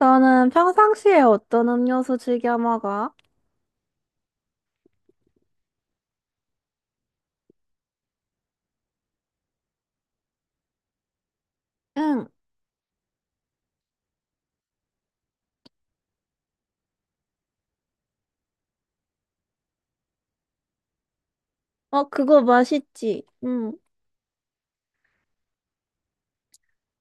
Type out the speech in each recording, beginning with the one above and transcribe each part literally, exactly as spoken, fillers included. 너는 평상시에 어떤 음료수 즐겨 먹어? 응. 어, 그거 맛있지? 응.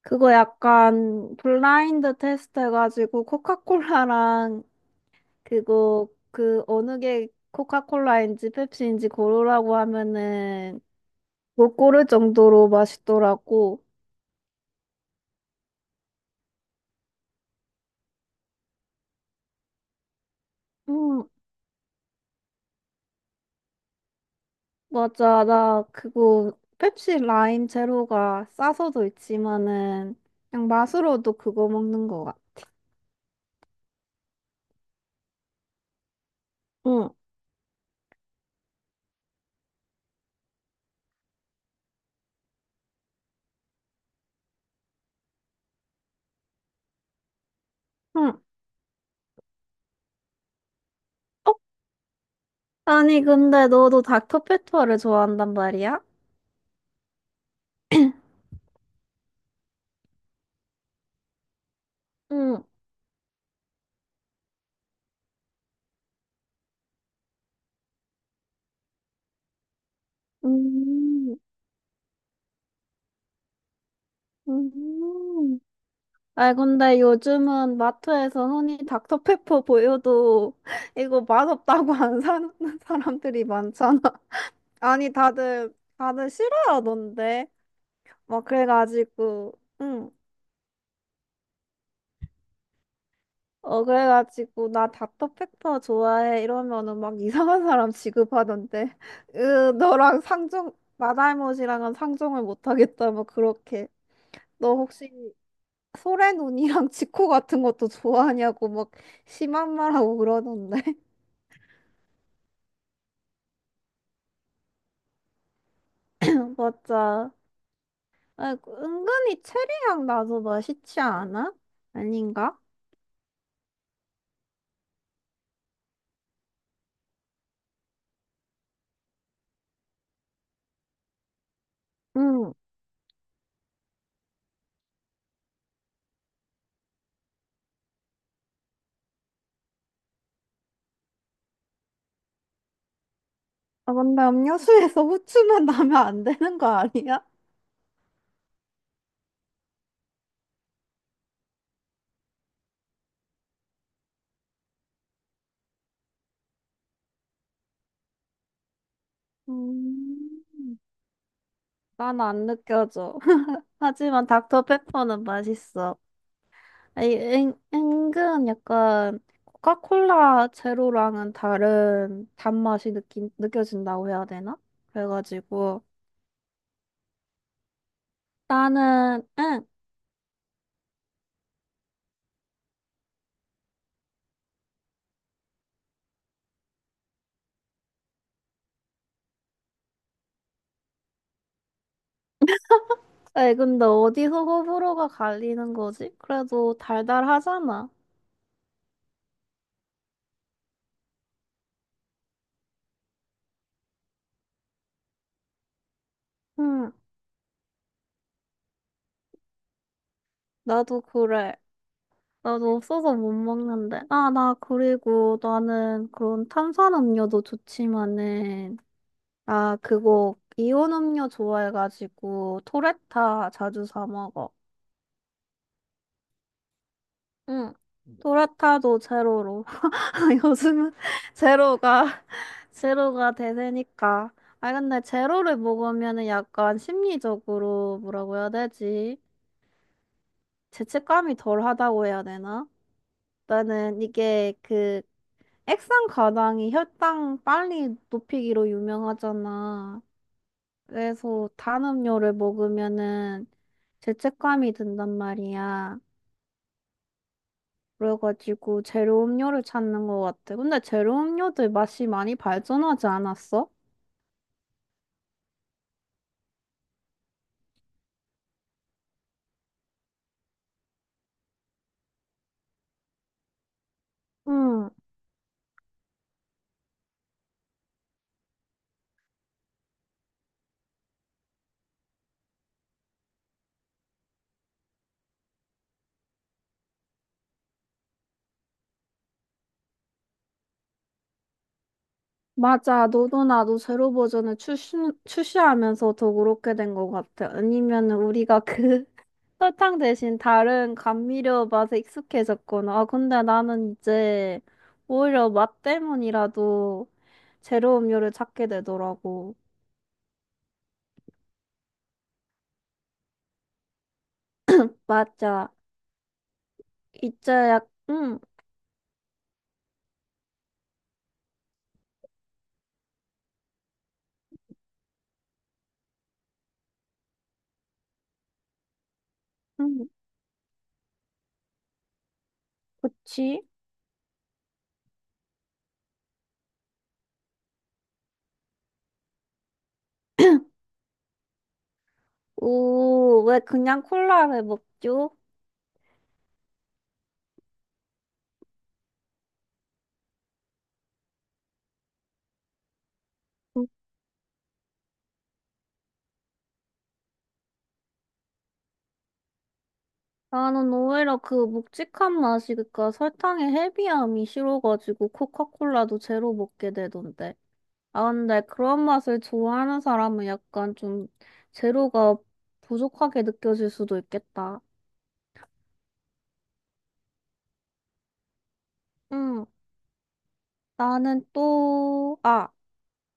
그거 약간 블라인드 테스트 해가지고 코카콜라랑 그거 그 어느 게 코카콜라인지 펩시인지 고르라고 하면은 못 고를 정도로 맛있더라고. 응, 맞아. 나 그거 펩시 라임 제로가 싸서도 있지만은 그냥 맛으로도 그거 먹는 거야. 응. 응. 어, 아니, 근데 너도 닥터페퍼를 좋아한단 말이야? 응, 음, 음. 아, 근데 요즘은 마트에서 흔히 닥터페퍼 보여도 이거 맛없다고 안 사는 사람들이 많잖아. 아니, 다들, 다들 싫어하던데. 막 그래가지고, 응. 어, 그래가지고, 나 닥터페퍼 좋아해. 이러면은 막 이상한 사람 취급하던데. 으, 너랑 상종, 마달못이랑은 상종을 못하겠다. 뭐 그렇게. 너 혹시 소래눈이랑 지코 같은 것도 좋아하냐고 막 심한 말하고 그러던데. 맞아. 아, 은근히 체리향 나도 맛있지 않아? 아닌가? 응. 아, 근데 음료수에서 후추만 나면 안 되는 거 아니야? 음, 난 안 느껴져. 하지만 닥터페퍼는 맛있어. 아니, 은, 은근 약간 코카콜라 제로랑은 다른 단맛이 느낀, 느껴진다고 해야 되나? 그래가지고 나는 응. 아 근데 어디서 호불호가 갈리는 거지? 그래도 달달하잖아. 응, 나도 그래. 나도 없어서 못 먹는데. 아, 나 그리고 나는 그런 탄산음료도 좋지만은 아, 그거 이온 음료 좋아해가지고 토레타 자주 사 먹어. 응. 도라타도 제로로. 요즘은 제로가, 제로가 대세니까. 아, 근데 제로를 먹으면은 약간 심리적으로 뭐라고 해야 되지? 죄책감이 덜 하다고 해야 되나? 나는 이게 그 액상 가당이 혈당 빨리 높이기로 유명하잖아. 그래서 단 음료를 먹으면은 죄책감이 든단 말이야. 그래가지고 제로 음료를 찾는 것 같아. 근데 제로 음료들 맛이 많이 발전하지 않았어? 응, 맞아. 너도 나도 제로 버전을 출시, 출시하면서 더 그렇게 된 것 같아. 아니면 우리가 그 설탕 대신 다른 감미료 맛에 익숙해졌구나. 아, 근데 나는 이제 오히려 맛 때문이라도 제로 음료를 찾게 되더라고. 맞아. 이제 약, 응, 응, 그치? 오, 왜 그냥 콜라를 먹죠? 나는 오히려 그 묵직한 맛이, 그니까 설탕의 헤비함이 싫어가지고 코카콜라도 제로 먹게 되던데. 아, 근데 그런 맛을 좋아하는 사람은 약간 좀 제로가 부족하게 느껴질 수도 있겠다. 응, 나는 또, 아,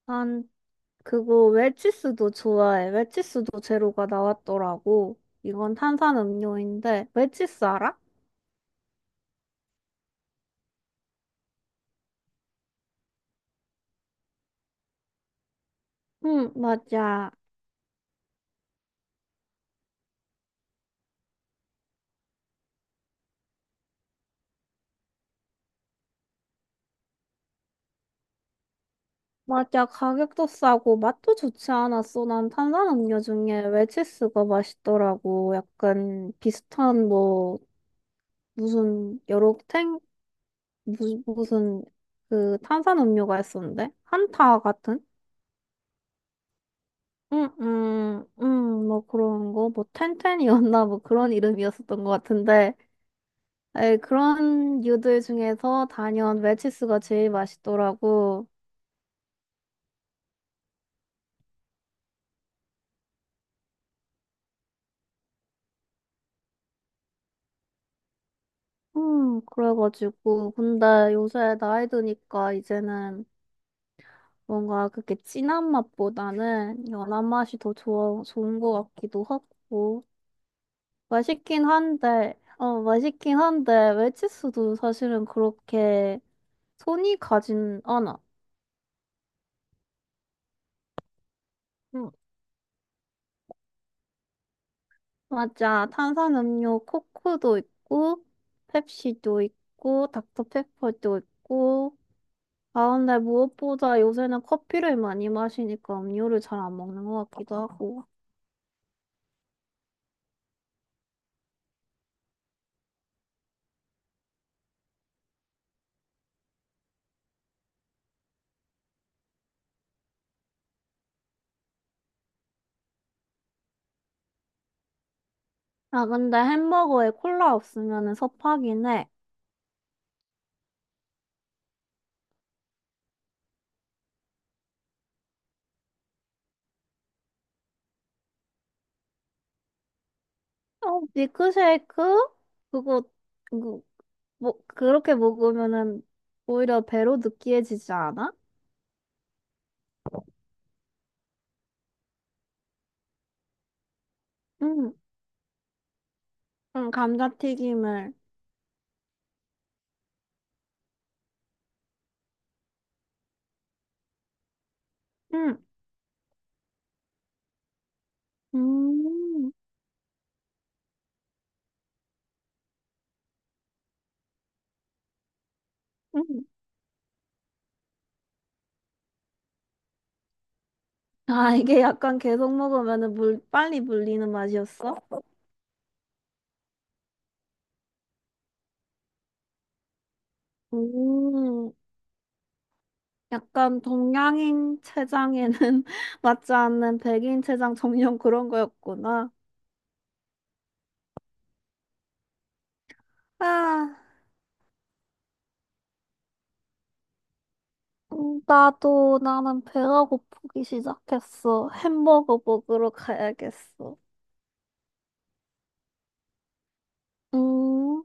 난 그거 웰치스도 좋아해. 웰치스도 제로가 나왔더라고. 이건 탄산 음료인데, 웰치스 알아? 응, 맞아. 맞아, 가격도 싸고 맛도 좋지 않았어. 난 탄산음료 중에 웰치스가 맛있더라고. 약간 비슷한 뭐 무슨 여러 탱 무슨 무슨 그 탄산음료가 있었는데 한타 같은? 응, 응, 응, 뭐 그런 거, 뭐 텐텐이었나 뭐 그런 이름이었었던 것 같은데, 에 그런 유들 중에서 단연 웰치스가 제일 맛있더라고. 음, 그래가지고 근데 요새 나이 드니까 이제는 뭔가 그렇게 진한 맛보다는 연한 맛이 더 좋아, 좋은 것 같기도 하고. 맛있긴 한데, 어, 맛있긴 한데, 외치수도 사실은 그렇게 손이 가진 않아. 응. 맞아. 탄산음료 코크도 있고, 펩시도 있고, 닥터페퍼도 있고. 아, 근데 무엇보다 요새는 커피를 많이 마시니까 음료를 잘 안 먹는 것 같기도 하고. 아, 근데 햄버거에 콜라 없으면 섭하긴 해. 어, 밀크쉐이크? 그거, 그거, 뭐, 그렇게 먹으면은 오히려 배로 느끼해지지 않아? 응, 응, 감자튀김을. 응, 음, 응. 아, 이게 약간 계속 먹으면은 물, 빨리 물리는 맛이었어? 음, 약간 동양인 체장에는 맞지 않는 백인 체장 전용 그런 거였구나. 아. 음, 나도 나는 배가 고프기 시작했어. 햄버거 먹으러 가야겠어. 음.